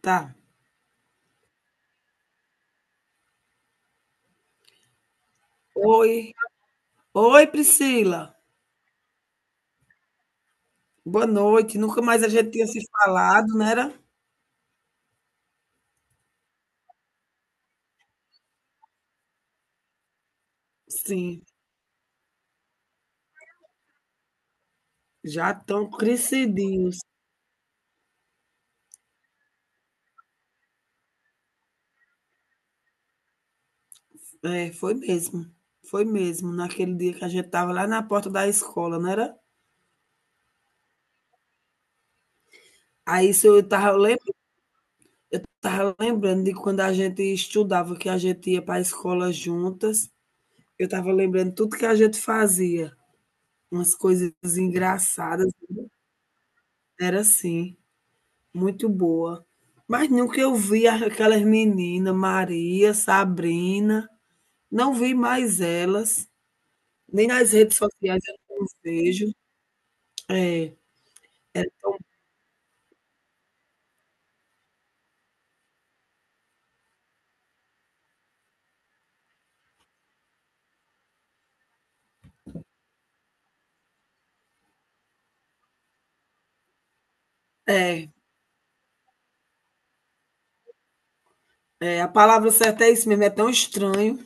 Tá. Oi. Oi, Priscila. Boa noite. Nunca mais a gente tinha se falado, não era? Sim, já estão crescidinhos. É, foi mesmo. Foi mesmo, naquele dia que a gente estava lá na porta da escola, não era? Aí se eu estava lembrando de quando a gente estudava, que a gente ia para a escola juntas. Eu estava lembrando tudo que a gente fazia, umas coisas engraçadas, era assim. Muito boa. Mas nunca eu vi a aquelas meninas, Maria, Sabrina, não vi mais elas, nem nas redes sociais eu não vejo. É, é, é, é, a palavra certa é isso mesmo, é tão estranho,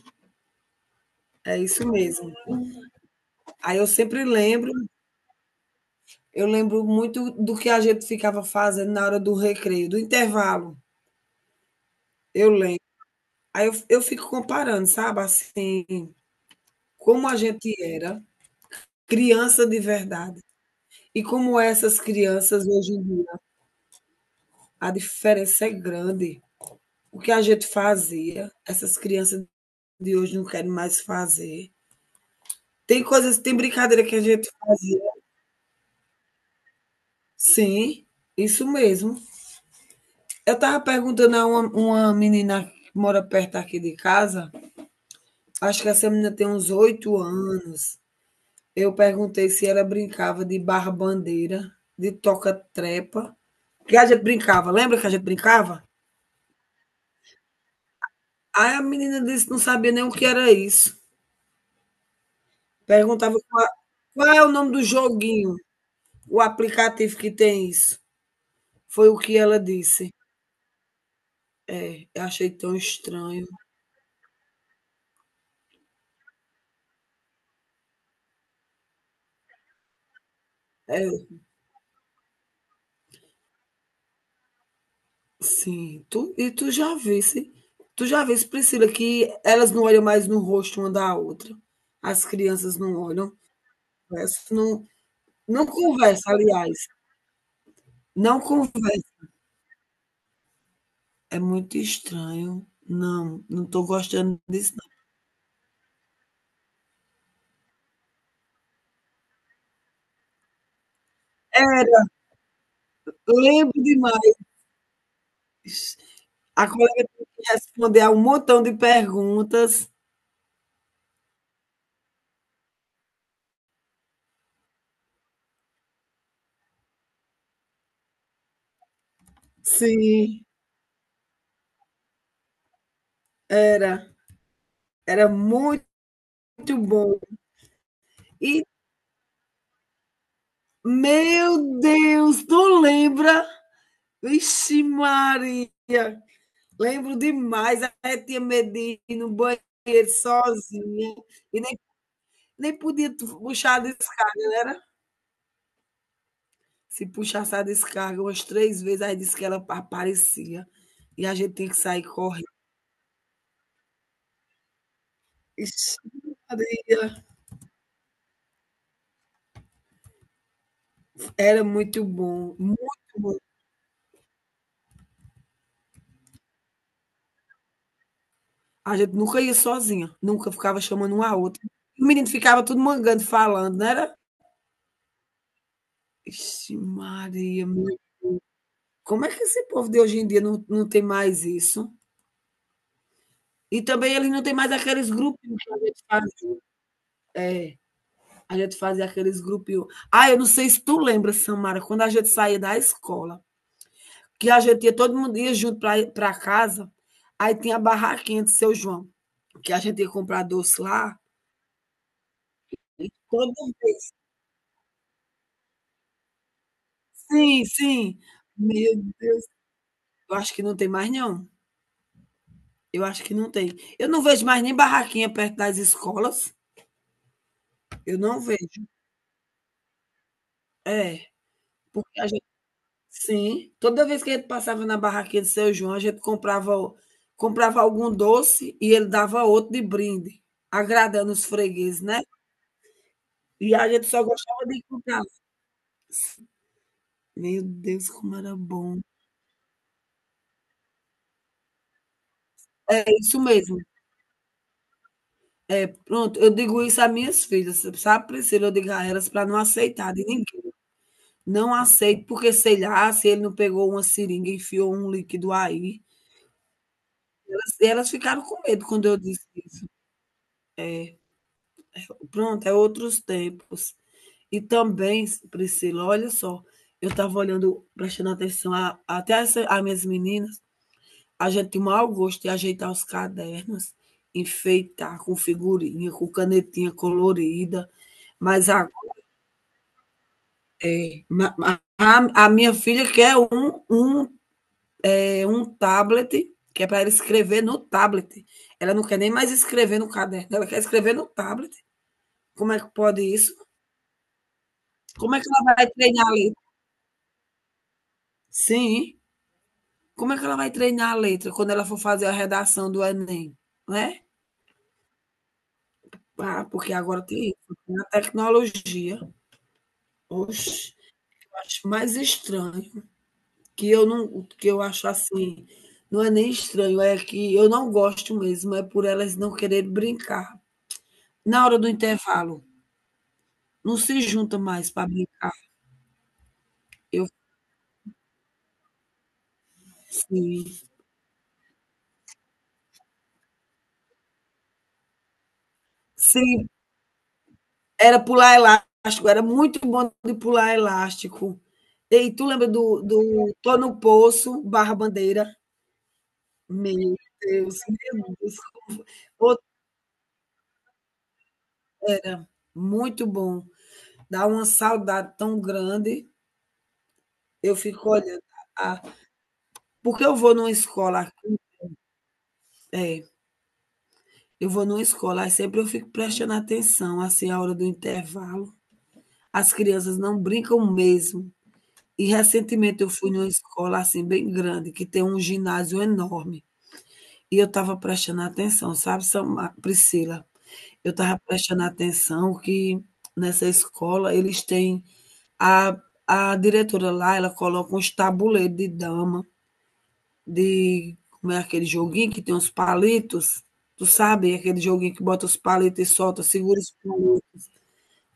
é isso mesmo. Aí eu sempre lembro, eu lembro muito do que a gente ficava fazendo na hora do recreio, do intervalo, eu lembro. Aí eu fico comparando, sabe, assim, como a gente era criança de verdade. E como essas crianças hoje em dia, a diferença é grande. O que a gente fazia, essas crianças de hoje não querem mais fazer. Tem coisas, tem brincadeira que a gente fazia. Sim, isso mesmo. Eu estava perguntando a uma menina que mora perto aqui de casa, acho que essa menina tem uns 8 anos. Eu perguntei se ela brincava de barra-bandeira, de toca-trepa, que a gente brincava. Lembra que a gente brincava? Aí a menina disse que não sabia nem o que era isso. Perguntava qua Qual é o nome do joguinho, o aplicativo que tem isso. Foi o que ela disse. É, eu achei tão estranho. É, sim, tu já visse, Priscila, que elas não olham mais no rosto uma da outra. As crianças não olham, conversam, não, não conversa, aliás, não conversa. É muito estranho. Não, não estou gostando disso, não. Era, lembro demais. A colega teve que responder a um montão de perguntas. Sim, era. Era muito bom. E, meu Deus, tu lembra? Vixe, Maria! Lembro demais. A tia Medina no banheiro sozinha. E nem, nem podia puxar a descarga, não era? Se puxasse a descarga umas 3 vezes, aí disse que ela aparecia. E a gente tem que sair correndo. Ixi, Maria! Era muito bom, muito bom. A gente nunca ia sozinha, nunca ficava chamando um a outro. O menino ficava tudo mangando, falando, não era? Ixi Maria, meu. Como é que esse povo de hoje em dia não, não tem mais isso? E também eles não têm mais aqueles grupinhos que a gente fazia. É, a gente fazia aqueles grupinhos. Ah, eu não sei se tu lembra, Samara, quando a gente saía da escola, que a gente ia, todo mundo ia junto para casa, aí tinha a barraquinha de Seu João, que a gente ia comprar doce lá, todo mundo. Sim, sim. Meu Deus, eu acho que não tem mais não, eu acho que não tem. Eu não vejo mais nem barraquinha perto das escolas, eu não vejo. É, porque a gente sim, toda vez que a gente passava na barraquinha do Seu João, a gente comprava algum doce e ele dava outro de brinde, agradando os fregueses, né. E a gente só gostava de comprar. Meu Deus, como era bom. É isso mesmo. Pronto, eu digo isso a minhas filhas, sabe, Priscila, eu digo a elas para não aceitar de ninguém. Não aceito, porque sei lá se ele não pegou uma seringa e enfiou um líquido aí. Elas ficaram com medo quando eu disse isso. Pronto, é outros tempos. E também, Priscila, olha só, eu estava olhando, prestando atenção, a até essa as minhas meninas, a gente tem o maior gosto de ajeitar os cadernos, enfeitar com figurinha, com canetinha colorida, mas a é, a minha filha quer um tablet, que é para ela escrever no tablet. Ela não quer nem mais escrever no caderno, ela quer escrever no tablet. Como é que pode isso? Como é que ela vai treinar a letra? Sim. Como é que ela vai treinar a letra quando ela for fazer a redação do Enem? Né? Ah, porque agora tem isso, tem a tecnologia. Oxe, eu acho mais estranho que eu acho assim, não é nem estranho, é que eu não gosto mesmo, é por elas não querer brincar. Na hora do intervalo, não se junta mais para brincar. Eu sim. Sim, era pular elástico, era muito bom de pular elástico. E tu lembra do Tô no Poço, Barra Bandeira? Meu Deus, meu Deus. Outra era muito bom. Dá uma saudade tão grande. Eu fico olhando. a- Porque eu vou numa escola, é, eu vou numa escola, aí sempre eu fico prestando atenção, assim, a hora do intervalo. As crianças não brincam mesmo. E recentemente eu fui numa escola, assim, bem grande, que tem um ginásio enorme, e eu estava prestando atenção, sabe, Samar Priscila, eu estava prestando atenção que nessa escola eles têm a a diretora lá, ela coloca uns tabuleiro de dama, de como é aquele joguinho que tem uns palitos, tu sabe, aquele joguinho que bota os palitos e solta, segura os palitos,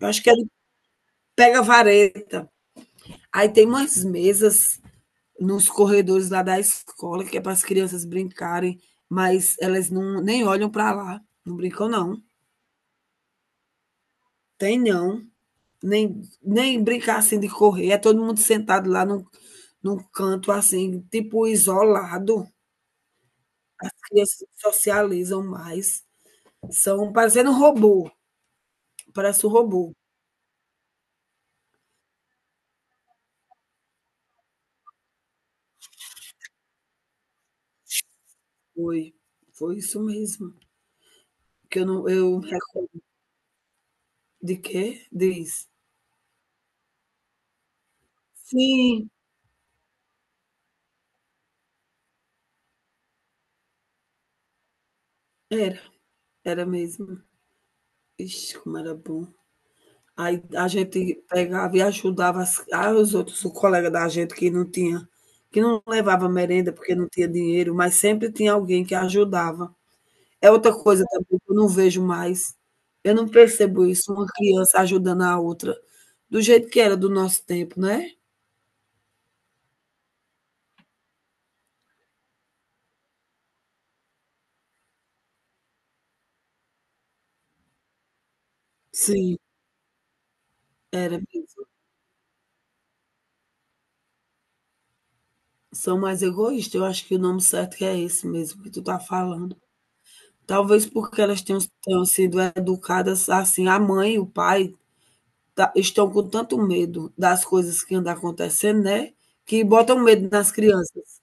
eu acho que é de pega-vareta. Aí tem umas mesas nos corredores lá da escola, que é para as crianças brincarem, mas elas não, nem olham para lá. Não brincam, não. Tem não. Nem, nem brincar assim de correr. É todo mundo sentado lá num, num canto assim, tipo isolado. As crianças socializam mais. São parecendo um robô. Parece um robô. Foi. Foi isso mesmo. Que eu não. Eu recordo. De quê? Diz. Sim, era. Era mesmo. Ixi, como era bom. Aí a gente pegava e ajudava as aos outros, o colega da gente que não levava merenda porque não tinha dinheiro, mas sempre tinha alguém que ajudava. É outra coisa também que eu não vejo mais. Eu não percebo isso, uma criança ajudando a outra, do jeito que era do nosso tempo, né. Sim, era mesmo. São mais egoístas, eu acho que o nome certo é esse mesmo que tu tá falando. Talvez porque elas tenham sido educadas assim, a mãe e o pai estão com tanto medo das coisas que andam acontecendo, né, que botam medo nas crianças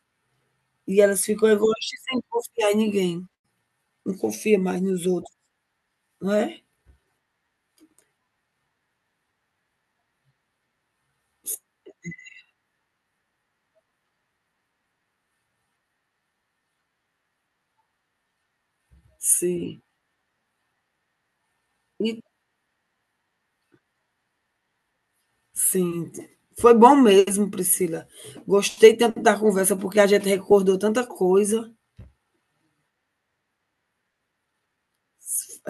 e elas ficam egoístas e sem confiar em ninguém, não confia mais nos outros, não é? Sim, e sim. Foi bom mesmo, Priscila. Gostei tanto da conversa, porque a gente recordou tanta coisa.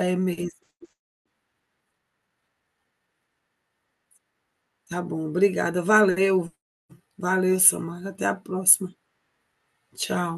É mesmo, tá bom. Obrigada. Valeu, valeu, Samara. Até a próxima. Tchau.